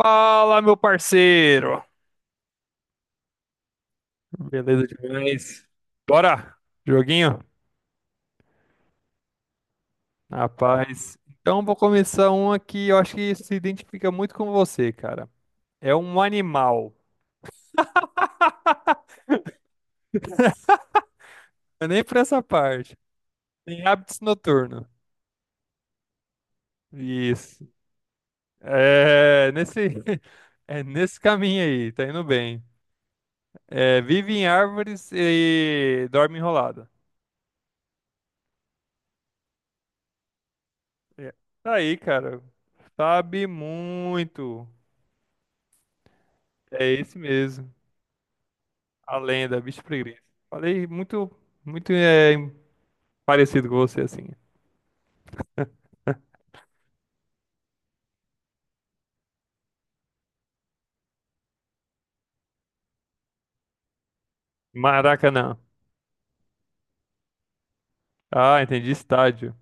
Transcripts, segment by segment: Fala, meu parceiro! Beleza demais? Bora! Joguinho? Rapaz. Então, vou começar um aqui, eu acho que se identifica muito com você, cara. É um animal. Eu nem pra essa parte. Tem hábitos noturnos. Isso. É nesse, é nesse caminho aí, tá indo bem. É, vive em árvores e dorme enrolada. É. Tá aí, cara. Sabe muito. É esse mesmo. A lenda, bicho preguiça. Falei muito, muito parecido com você, assim. Maracanã. Ah, entendi. Estádio.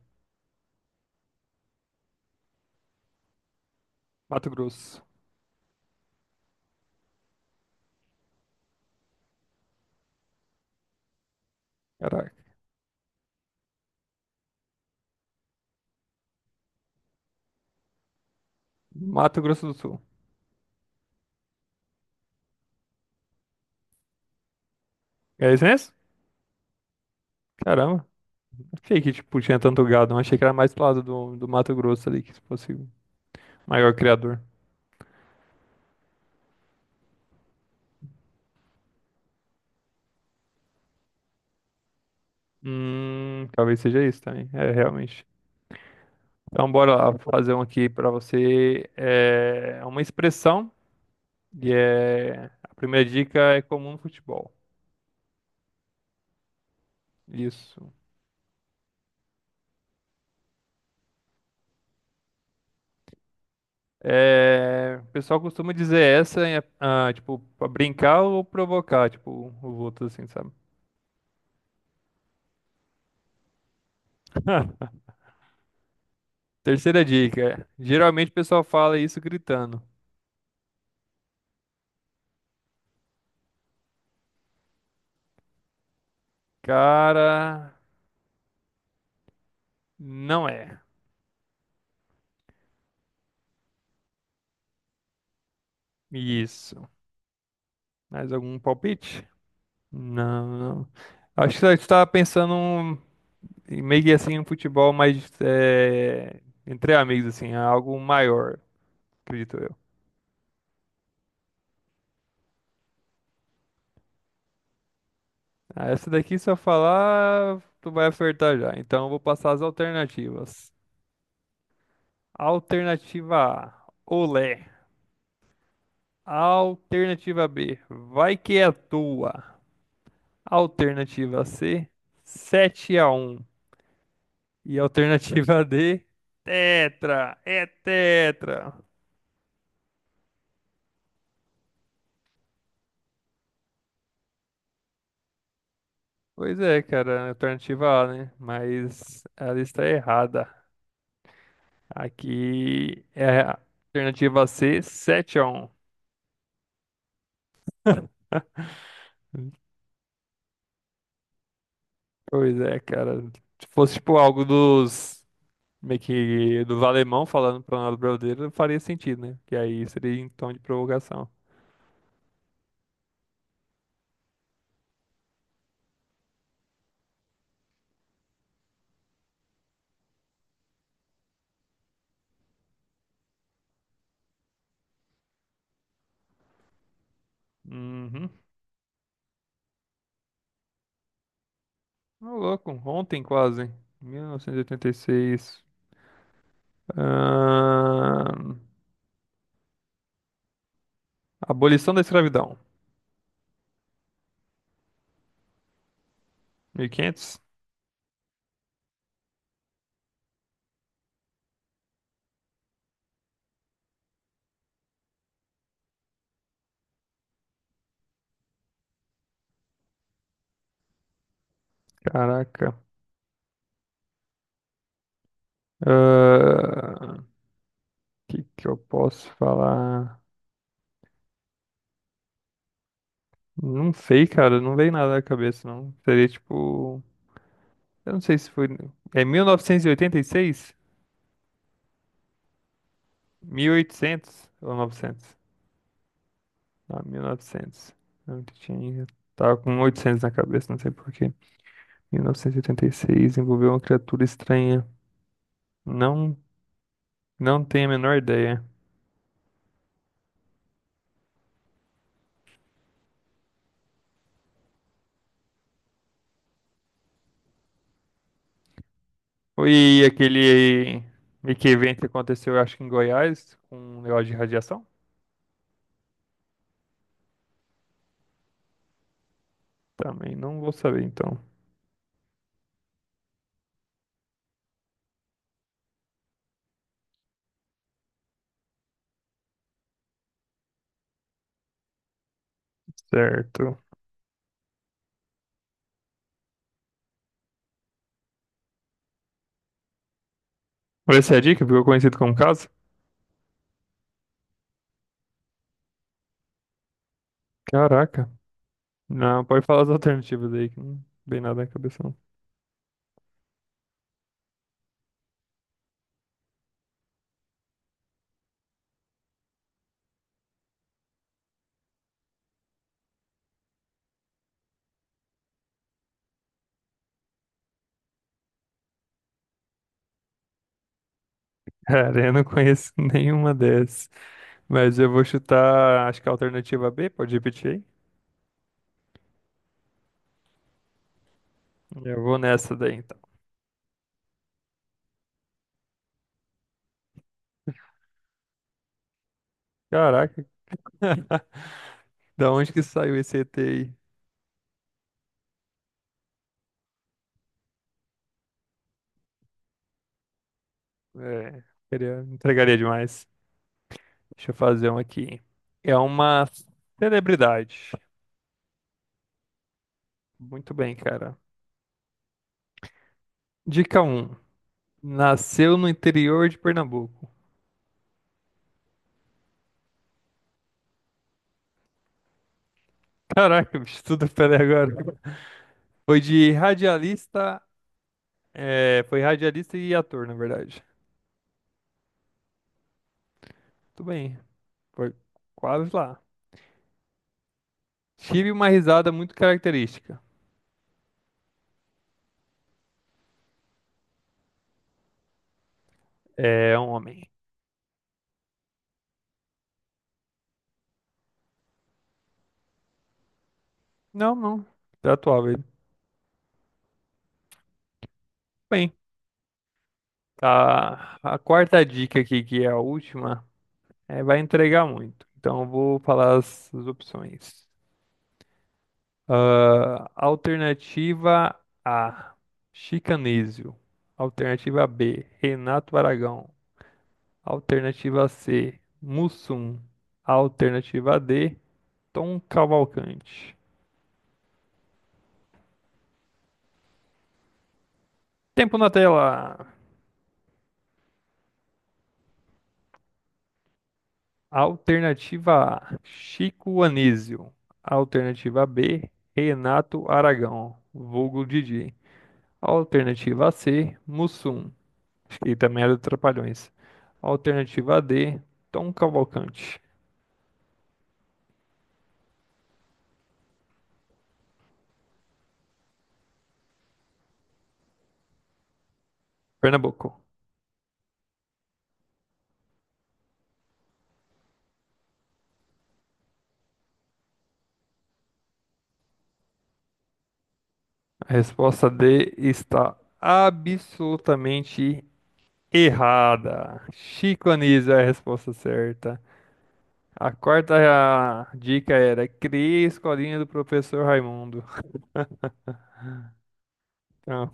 Mato Grosso. Caraca. Mato Grosso do Sul. É isso mesmo? Caramba. Achei que, tipo, tinha tanto gado. Não achei que era mais pro lado do Mato Grosso ali, que fosse o maior criador. Talvez seja isso também. É, realmente. Então, bora lá fazer um aqui pra você. É uma expressão. A primeira dica é comum no futebol. Isso. É, o pessoal costuma dizer essa, tipo, pra brincar ou provocar, tipo, os outros, assim, sabe? Terceira dica. Geralmente o pessoal fala isso gritando. Cara, não é. Isso. Mais algum palpite? Não, não. Acho que você estava pensando em meio que assim, um futebol mais entre amigos, assim, algo maior, acredito eu. Ah, essa daqui, se eu falar, tu vai acertar já. Então, eu vou passar as alternativas. Alternativa A, olé. Alternativa B, vai que é tua. Alternativa C, 7 a um. E alternativa D, tetra, é tetra. Pois é, cara, alternativa A, né? Mas ela está errada. Aqui é a alternativa C, 7 a um. Pois é, cara. Se fosse tipo algo dos meio que dos alemão falando para nós brasileiros, faria sentido, né? Que aí seria em tom de provocação. Uhum. Ô, louco, ontem quase, 1986. Ahn, Abolição da escravidão, 1500. Caraca. O que que eu posso falar? Não sei, cara, não veio nada na cabeça, não. Seria tipo, eu não sei se foi, é 1986, 1800 ou 900. Ah, 1900. Não, eu tinha. Tava com 800 na cabeça, não sei por quê. 1986 envolveu uma criatura estranha. Não, não tenho a menor ideia. E aquele meio evento que aconteceu, eu acho que em Goiás, com um negócio de radiação? Também não vou saber, então. Certo. Essa é a dica, ficou conhecido como caso? Caraca. Não, pode falar as alternativas aí, que não vem nada na cabeça, não. Cara, eu não conheço nenhuma dessas. Mas eu vou chutar, acho que a alternativa B, pode repetir aí? Eu vou nessa daí, então. Caraca, da onde que saiu esse ET aí? É, queria, entregaria demais. Deixa eu fazer um aqui. É uma celebridade. Muito bem, cara. Dica um. Nasceu no interior de Pernambuco. Caraca, bicho, tudo pera aí agora. Foi de radialista, Foi radialista e ator, na verdade. Tudo bem, foi quase lá. Tive uma risada muito característica. É um homem. Não, não. Tá atual, ele. Bem, a quarta dica aqui, que é a última, vai entregar muito. Então, eu vou falar as opções. Ah, alternativa A, Chicanísio. Alternativa B, Renato Aragão. Alternativa C, Mussum. Alternativa D, Tom Cavalcante. Tempo na tela. Alternativa A, Chico Anísio. Alternativa B, Renato Aragão, vulgo Didi. Alternativa C, Mussum, acho que também era do Trapalhões. Alternativa D, Tom Cavalcante, Pernambuco. A resposta D está absolutamente errada. Chico Anísio é a resposta certa. A quarta dica era, criei a escolinha do professor Raimundo. Então,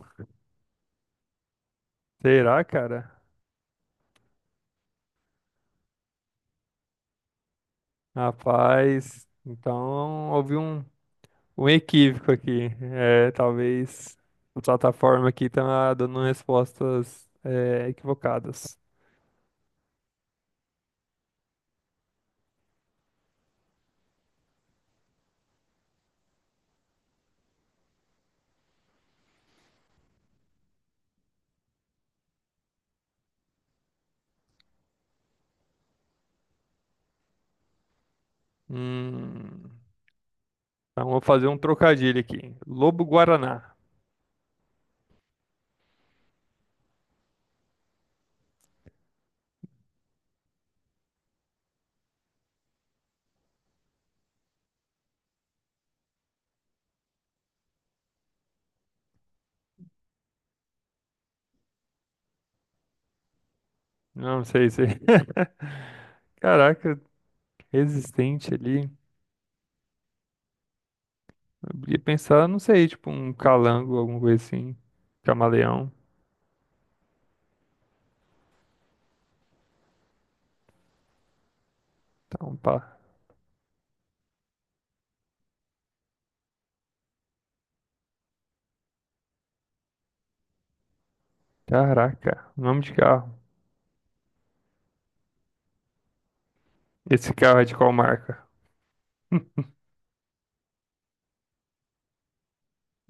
será, cara? Rapaz, então houve um equívoco aqui. É, talvez a plataforma aqui tá dando respostas equivocadas. Hum, então vou fazer um trocadilho aqui. Lobo Guaraná. Não sei se. Caraca, resistente ali. Eu ia pensar, não sei, tipo um calango, alguma coisa assim. Camaleão. Então, pá. Caraca, nome de carro. Esse carro é de qual marca?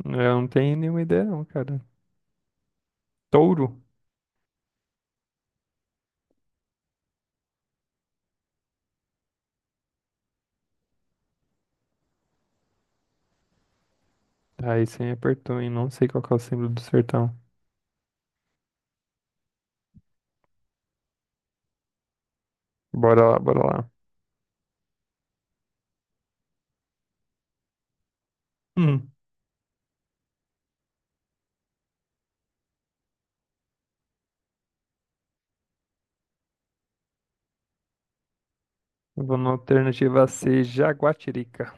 É, eu não tenho nenhuma ideia não, cara. Touro? Aí você me apertou, hein? Não sei qual que é o símbolo do sertão. Bora lá, bora lá. Hum. Eu vou na alternativa C, Jaguatirica.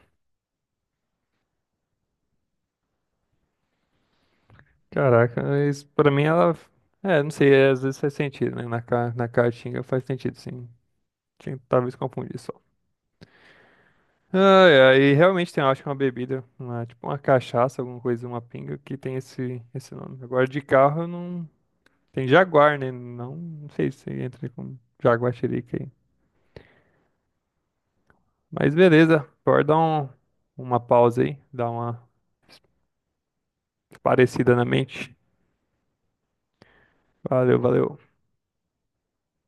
Caraca, mas pra mim ela. É, não sei, às vezes faz sentido, né? Na Caatinga faz sentido, sim. Talvez confundir só. Ai, ai, e realmente tem, eu acho que é uma bebida, tipo uma cachaça, alguma coisa, uma pinga, que tem esse nome. Agora de carro eu não. Tem Jaguar, né? Não, não sei se entra com Jaguatirica aí. Mas beleza, pode dar uma pausa aí, dar uma parecida na mente. Valeu, valeu.